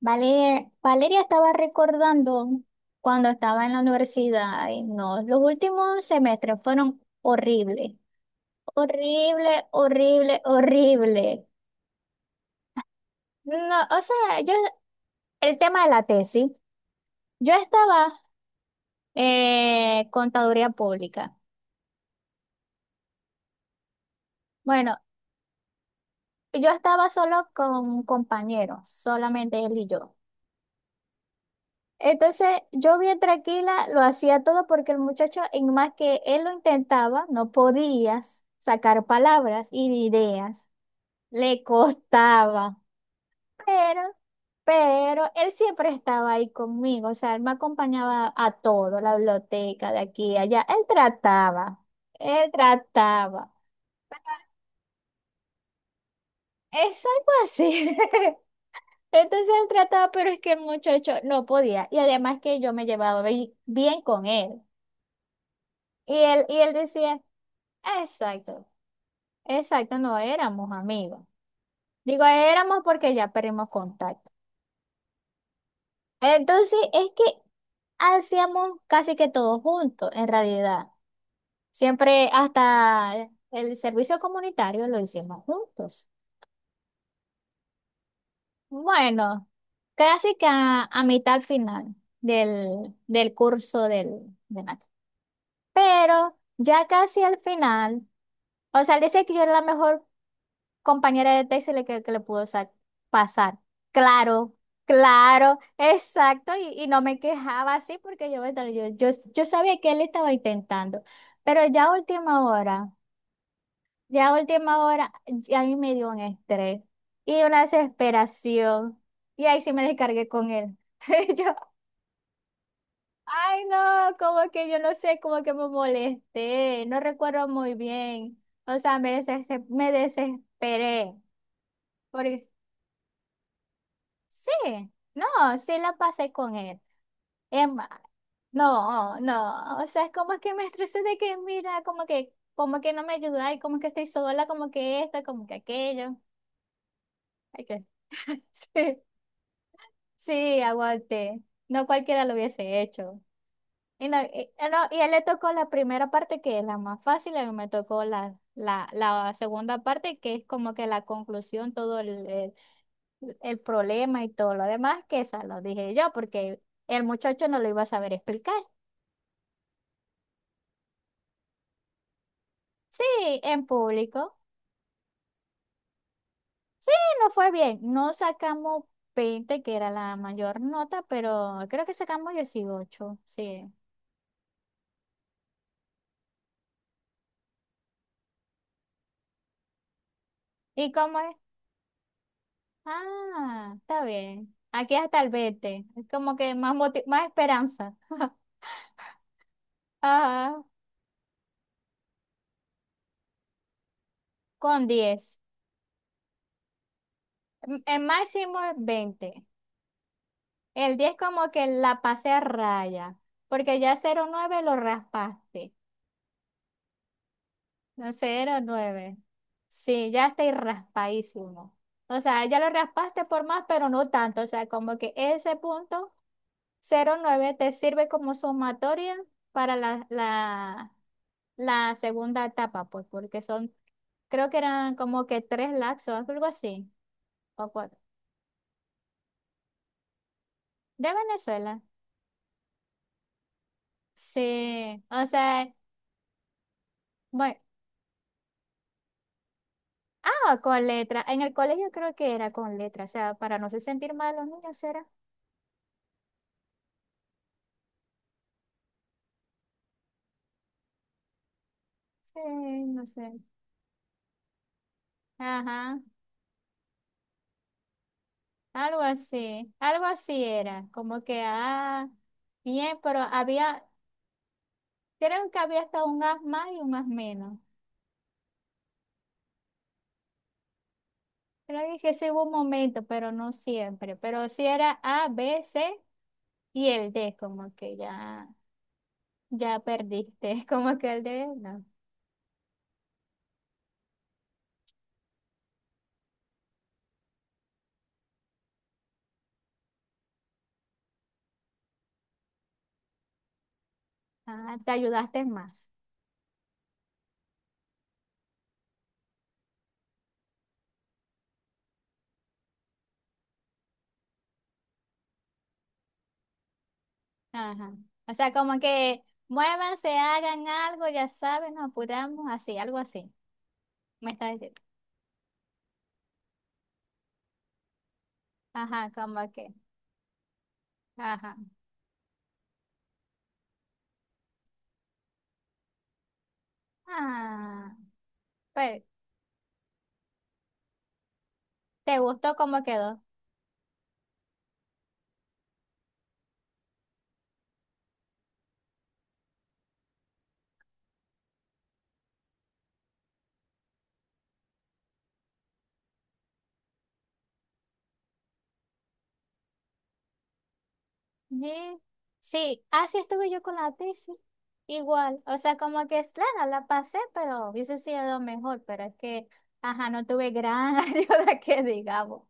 Valeria estaba recordando cuando estaba en la universidad, ay, no, los últimos semestres fueron horribles, horrible, horrible, horrible. No, o sea, yo, el tema de la tesis, yo estaba contaduría pública. Bueno, yo estaba solo con un compañero, solamente él y yo. Entonces yo bien tranquila lo hacía todo porque el muchacho, en más que él lo intentaba, no podía sacar palabras y ideas. Le costaba, pero, pero él siempre estaba ahí conmigo. O sea, él me acompañaba a todo, la biblioteca de aquí, allá. Él trataba, él trataba. Es algo así. Entonces él trataba, pero es que el muchacho no podía. Y además que yo me llevaba bien con él. Y él decía... Exacto, exacto, no éramos amigos. Digo, éramos porque ya perdimos contacto. Entonces, es que hacíamos casi que todo juntos, en realidad. Siempre hasta el servicio comunitario lo hicimos juntos. Bueno, casi que a mitad final del curso. Pero ya casi al final, o sea, él dice que yo era la mejor compañera de Texas que le pudo pasar. Claro, claro, exacto. Y no me quejaba así porque yo, bueno, yo sabía que él estaba intentando. Pero ya a última hora, ya a última hora, ya a mí me dio un estrés y una desesperación. Y ahí sí me descargué con él. Yo, ay, no, como que yo no sé, como que me molesté, no recuerdo muy bien. O sea, me desesperé. Porque sí, no, sí la pasé con él. Emma, no, no, o sea, es como que me estresé de que, mira, como que, no me ayuda y como que estoy sola, como que esto, como que aquello. Ay, sí, sí, aguante. No cualquiera lo hubiese hecho. Y, no, y, no, y a él le tocó la primera parte que es la más fácil, a mí me tocó la segunda parte que es como que la conclusión, todo el problema y todo lo demás, que esa lo dije yo, porque el muchacho no lo iba a saber explicar. Sí, en público. Sí, no fue bien. No sacamos 20 que era la mayor nota, pero creo que sacamos 18. Sí. ¿Y cómo es? Ah, está bien. Aquí hasta el 20 es como que más, más esperanza. Ajá, con 10. El máximo es 20. El 10 como que la pasé a raya, porque ya cero nueve lo raspaste. No, cero nueve. Sí, ya estoy raspadísimo. O sea, ya lo raspaste por más, pero no tanto. O sea, como que ese punto cero nueve te sirve como sumatoria para la segunda etapa, pues, porque son, creo que eran como que tres laxos, algo así, o cuatro. De Venezuela. Sí, o sea, bueno. Ah, con letra. En el colegio creo que era con letra, o sea, para no se sentir mal los niños era. Sí, no sé. Ajá, algo así era, como que, ah, bien, pero había, creo que había hasta un as más y un as menos. Creo que sí hubo un momento, pero no siempre, pero sí era A, B, C y el D, como que ya perdiste, como que el D, no. Ah, te ayudaste más. Ajá. O sea, como que muévanse, hagan algo, ya saben, nos apuramos, así, algo así. Me está diciendo. Ajá, como que. Ajá. Ah, pues, ¿te gustó cómo quedó? Sí. Sí, así estuve yo con la tesis. Igual. O sea, como que es claro, la pasé, pero hubiese sido mejor, pero es que, ajá, no tuve gran ayuda que digamos.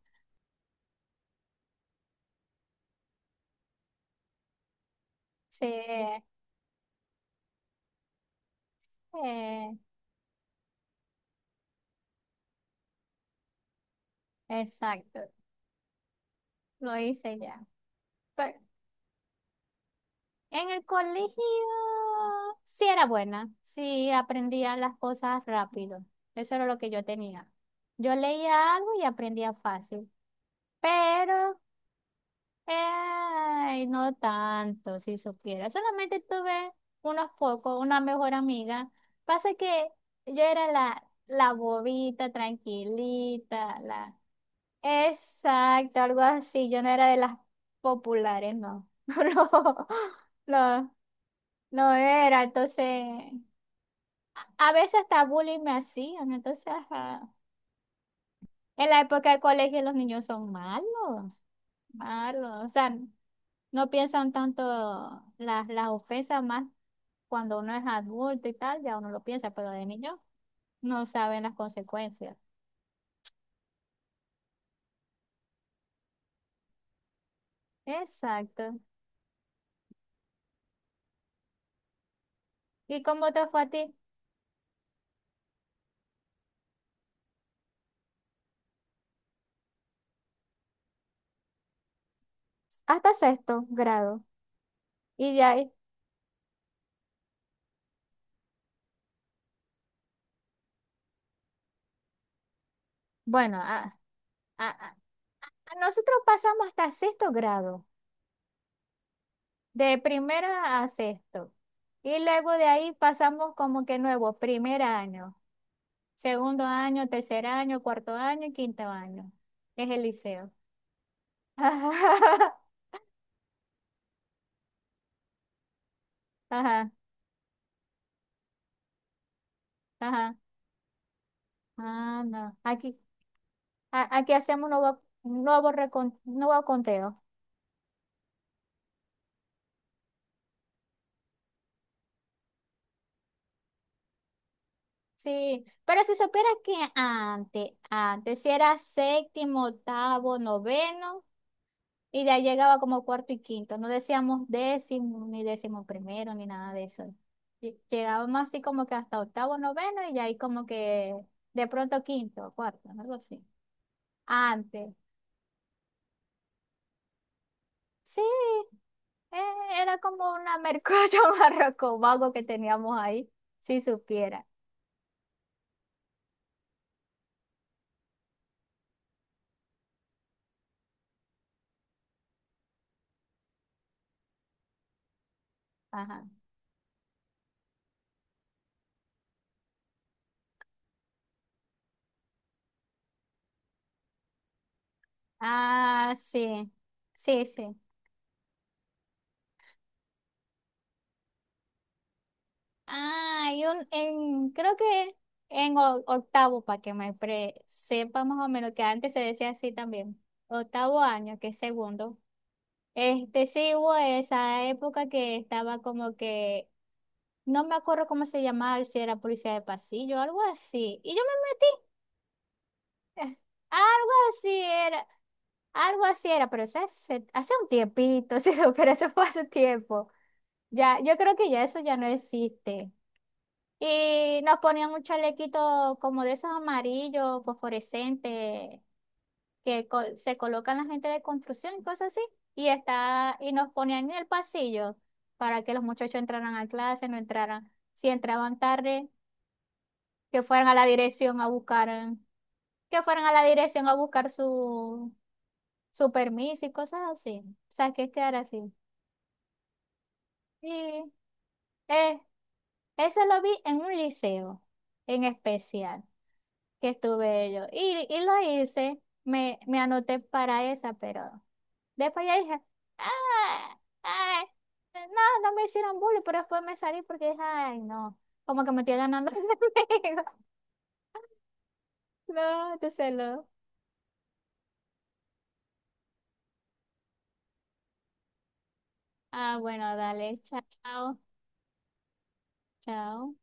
Sí, exacto. Lo hice ya. Pero, en el colegio sí era buena, sí aprendía las cosas rápido. Eso era lo que yo tenía. Yo leía algo y aprendía fácil, pero no tanto, si supiera. Solamente tuve unos pocos, una mejor amiga. Pasa que yo era la bobita, tranquilita, la... Exacto, algo así. Yo no era de las populares, no. No, no, no era, entonces, a veces hasta bullying me hacían, entonces, ajá. En la época del colegio los niños son malos, malos, o sea, no piensan tanto las ofensas más cuando uno es adulto y tal, ya uno lo piensa, pero de niño no saben las consecuencias. Exacto. ¿Y cómo te fue a ti? Hasta sexto grado. Y de ahí, bueno, a, a- a nosotros pasamos hasta sexto grado. De primera a sexto. Y luego de ahí pasamos como que nuevo, primer año, segundo año, tercer año, cuarto año y quinto año. Es el liceo. Ajá, ajá, ajá. Ah, no. Aquí, aquí hacemos nuevo conteo. Sí, pero si supiera que antes, si era séptimo, octavo, noveno. Y de ahí llegaba como cuarto y quinto. No decíamos décimo, ni décimo primero, ni nada de eso. Llegábamos así como que hasta octavo, noveno, y de ahí como que de pronto quinto, cuarto, algo así. Antes. Sí, eh, era como una mercocho barroco vago que teníamos ahí, si supiera. Ajá. Ah, sí. Sí, sí. Ah, hay en, creo que en octavo, para que me sepa más o menos, que antes se decía así también, octavo año, que es segundo. Este sí hubo esa época que estaba como que, no me acuerdo cómo se llamaba, si era policía de pasillo, algo así. Y yo me metí, algo así era, algo así era, pero eso hace un tiempito, sí, pero eso fue hace tiempo. Ya, yo creo que ya eso ya no existe. Y nos ponían un chalequito como de esos amarillos, fosforescentes, que se colocan la gente de construcción y cosas así. Y nos ponían en el pasillo para que los muchachos entraran a clase, no entraran. Si entraban tarde, que fueran a la dirección a buscar, que fueran a la dirección a buscar su permiso y cosas así. O sea, que quedar así. Y eh, eso lo vi en un liceo en especial. Que estuve yo. Y lo hice, me anoté para esa, pero después ya dije, ah, ay, no, no me hicieron bullying, pero después me salí porque dije, ay, no, como que me estoy ganando. El enemigo". No, entonces lo. Ah, bueno, dale, chao, chao.